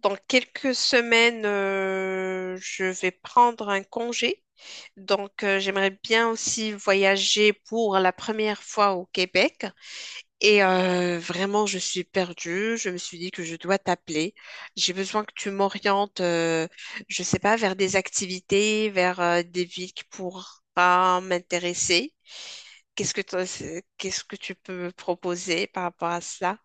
Dans quelques semaines, je vais prendre un congé. Donc, j'aimerais bien aussi voyager pour la première fois au Québec. Et vraiment, je suis perdue. Je me suis dit que je dois t'appeler. J'ai besoin que tu m'orientes, je sais pas, vers des activités, vers des villes qui pourraient m'intéresser. Qu'est-ce que t'en- qu'est-ce que tu peux me proposer par rapport à cela?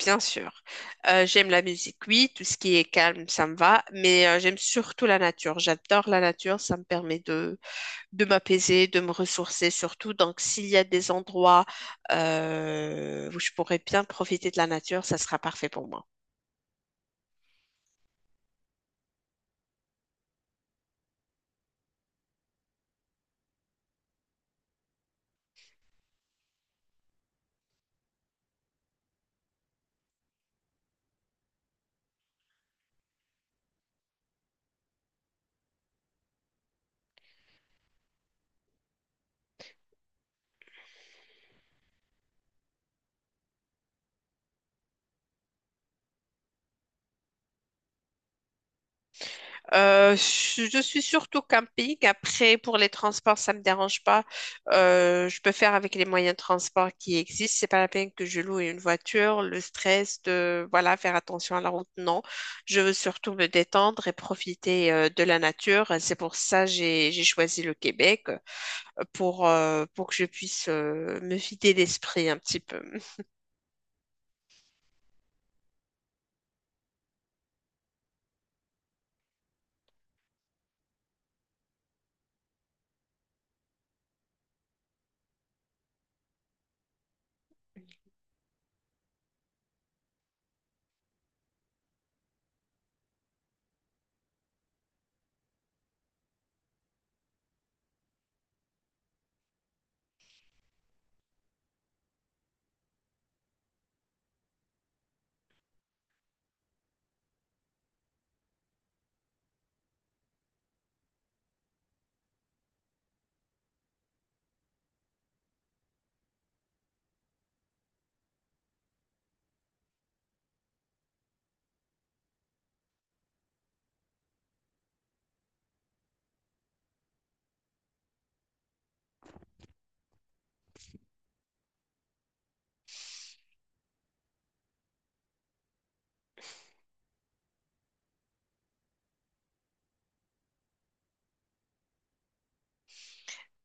Bien sûr. J'aime la musique, oui, tout ce qui est calme, ça me va, mais j'aime surtout la nature. J'adore la nature, ça me permet de m'apaiser, de me ressourcer surtout. Donc, s'il y a des endroits où je pourrais bien profiter de la nature, ça sera parfait pour moi. Je suis surtout camping. Après, pour les transports, ça me dérange pas. Je peux faire avec les moyens de transport qui existent. C'est pas la peine que je loue une voiture. Le stress de, voilà, faire attention à la route, non. Je veux surtout me détendre et profiter de la nature. C'est pour ça que j'ai choisi le Québec pour que je puisse me vider l'esprit un petit peu.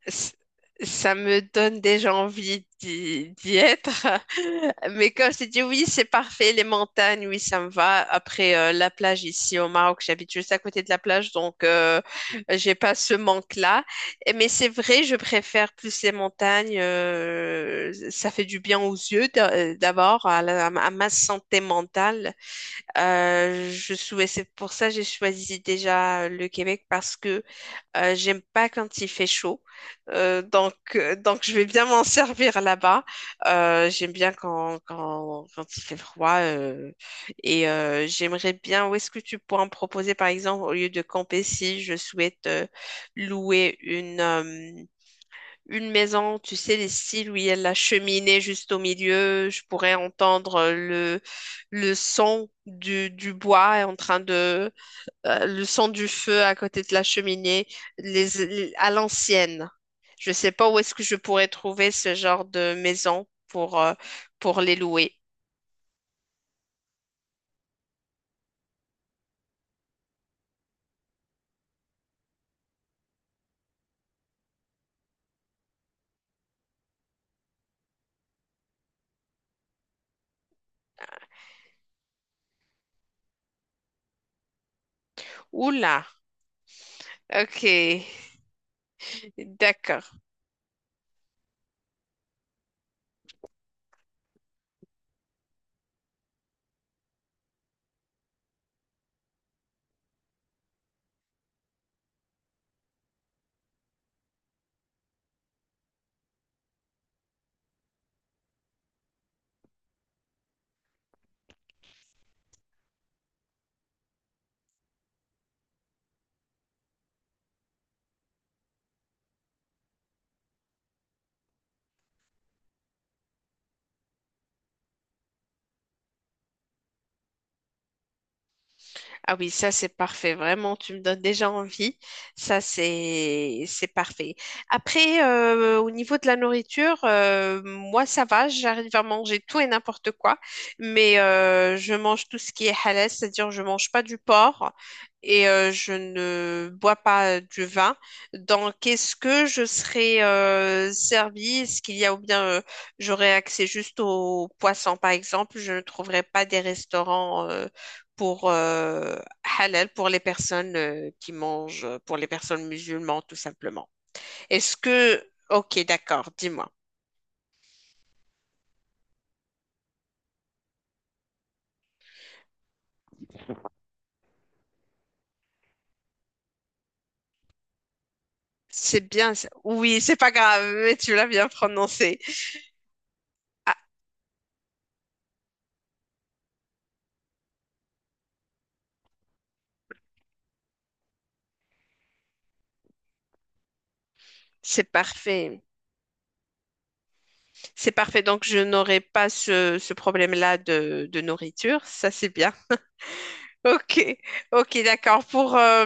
c- Ça me donne déjà envie d'y être. Mais quand je t'ai dit oui, c'est parfait, les montagnes, oui, ça me va. Après, la plage ici au Maroc, j'habite juste à côté de la plage, donc j'ai pas ce manque-là. Mais c'est vrai, je préfère plus les montagnes. Ça fait du bien aux yeux d'abord, à ma santé mentale. Je souhaitais, c'est pour ça que j'ai choisi déjà le Québec parce que j'aime pas quand il fait chaud. Donc, je vais bien m'en servir là-bas. J'aime bien quand il fait froid. Et j'aimerais bien, où est-ce que tu pourras me proposer, par exemple, au lieu de camper, si je souhaite louer une maison, tu sais, les styles où il y a la cheminée juste au milieu, je pourrais entendre le son du bois en train de le son du feu à côté de la cheminée, à l'ancienne. Je ne sais pas où est-ce que je pourrais trouver ce genre de maison pour les louer. Oula, ok, d'accord. Ah oui, ça c'est parfait, vraiment, tu me donnes déjà envie. Ça c'est parfait. Après, au niveau de la nourriture, moi ça va, j'arrive à manger tout et n'importe quoi, mais je mange tout ce qui est halal, c'est-à-dire je mange pas du porc et je ne bois pas du vin. Donc, est-ce que je serai servie? Est-ce qu'il y a ou bien j'aurai accès juste aux poissons, par exemple? Je ne trouverai pas des restaurants. Pour halal pour les personnes qui mangent, pour les personnes musulmanes, tout simplement. Est-ce que, ok, d'accord, dis-moi. C'est bien, ça. Oui, c'est pas grave, mais tu l'as bien prononcé. Ah, c'est parfait, c'est parfait. Donc, je n'aurai pas ce problème-là de nourriture, ça c'est bien. Ok, ok, d'accord. Pour,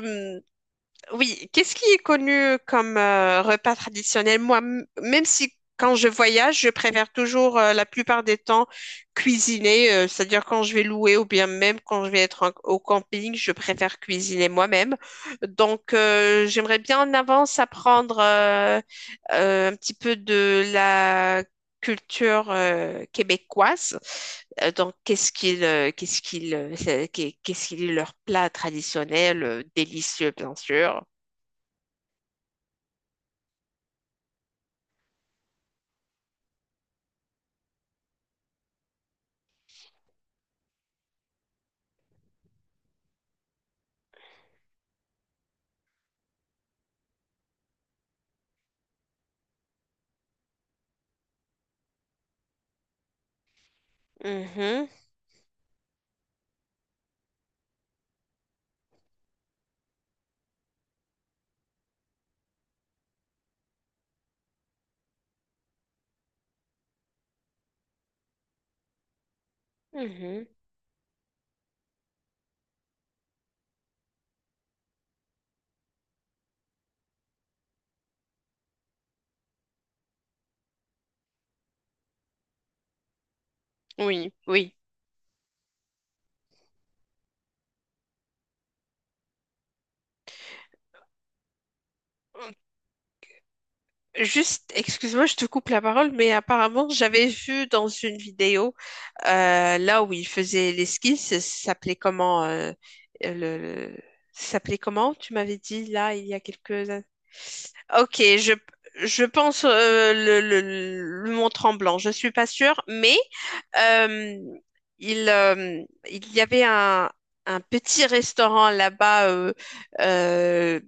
oui, qu'est-ce qui est connu comme repas traditionnel? Moi, même si quand je voyage, je préfère toujours la plupart des temps cuisiner, c'est-à-dire quand je vais louer ou bien même quand je vais être au camping, je préfère cuisiner moi-même. Donc, j'aimerais bien en avance apprendre un petit peu de la culture québécoise. Donc, qu'est-ce qu'ils leur plat traditionnel, délicieux bien sûr. Mhm, mhm. Oui, oui. Hum, juste, excuse-moi, je te coupe la parole, mais apparemment, j'avais vu dans une vidéo, là où il faisait l'esquisse, ça s'appelait comment, euh, le, le- ça s'appelait comment, tu m'avais dit, là, il y a quelques... Ok, je pense le Mont-Tremblant, je suis pas sûre, mais Euh, il, euh, il y avait un petit restaurant là-bas euh,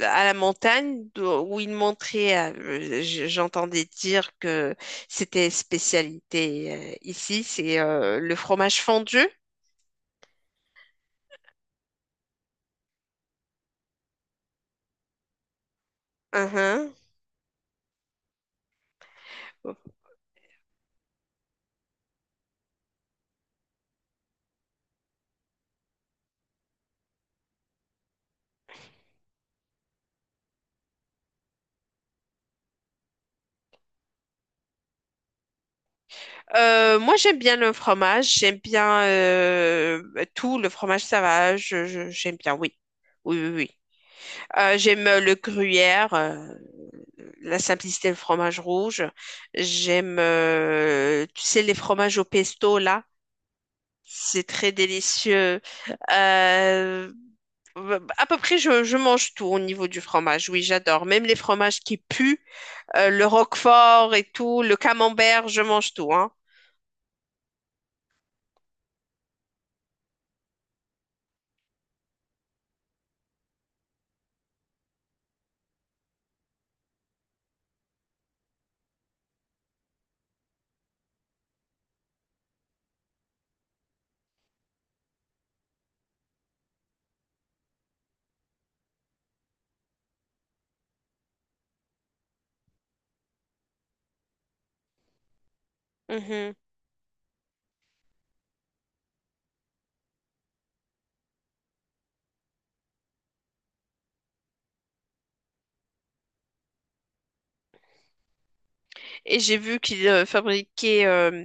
à la montagne où il montrait, j'entendais dire que c'était spécialité ici, c'est le fromage fondu. Mhm. Moi, j'aime bien le fromage, j'aime bien tout, le fromage, ça va, j'aime bien, oui. Oui, oui, oui. J'aime le gruyère, la simplicité, le fromage rouge. J'aime, tu sais, les fromages au pesto, là. C'est très délicieux. Euh, à peu près, je mange tout au niveau du fromage. Oui, j'adore. Même les fromages qui puent, le roquefort et tout, le camembert, je mange tout, hein. Mhm. Et j'ai vu qu'ils fabriquaient,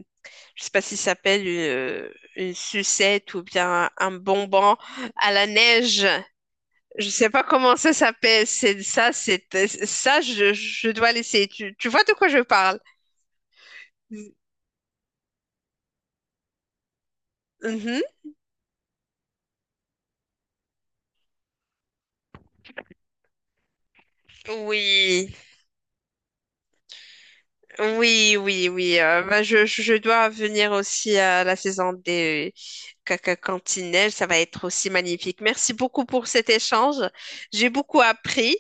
je sais pas si ça s'appelle une sucette ou bien un bonbon à la neige. Je sais pas comment ça s'appelle. C'est ça, c'est ça. Je dois laisser. Tu vois de quoi je parle? Mhm. Oui, oui, oui, oui. Bah, je dois venir aussi à la saison des caca cantinelles. Ça va être aussi magnifique. Merci beaucoup pour cet échange. J'ai beaucoup appris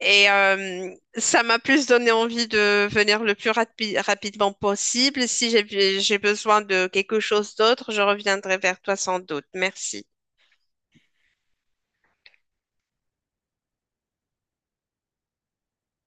et ça m'a plus donné envie de venir le plus rapidement possible. Si j'ai besoin de quelque chose d'autre, je reviendrai vers toi sans doute. Merci.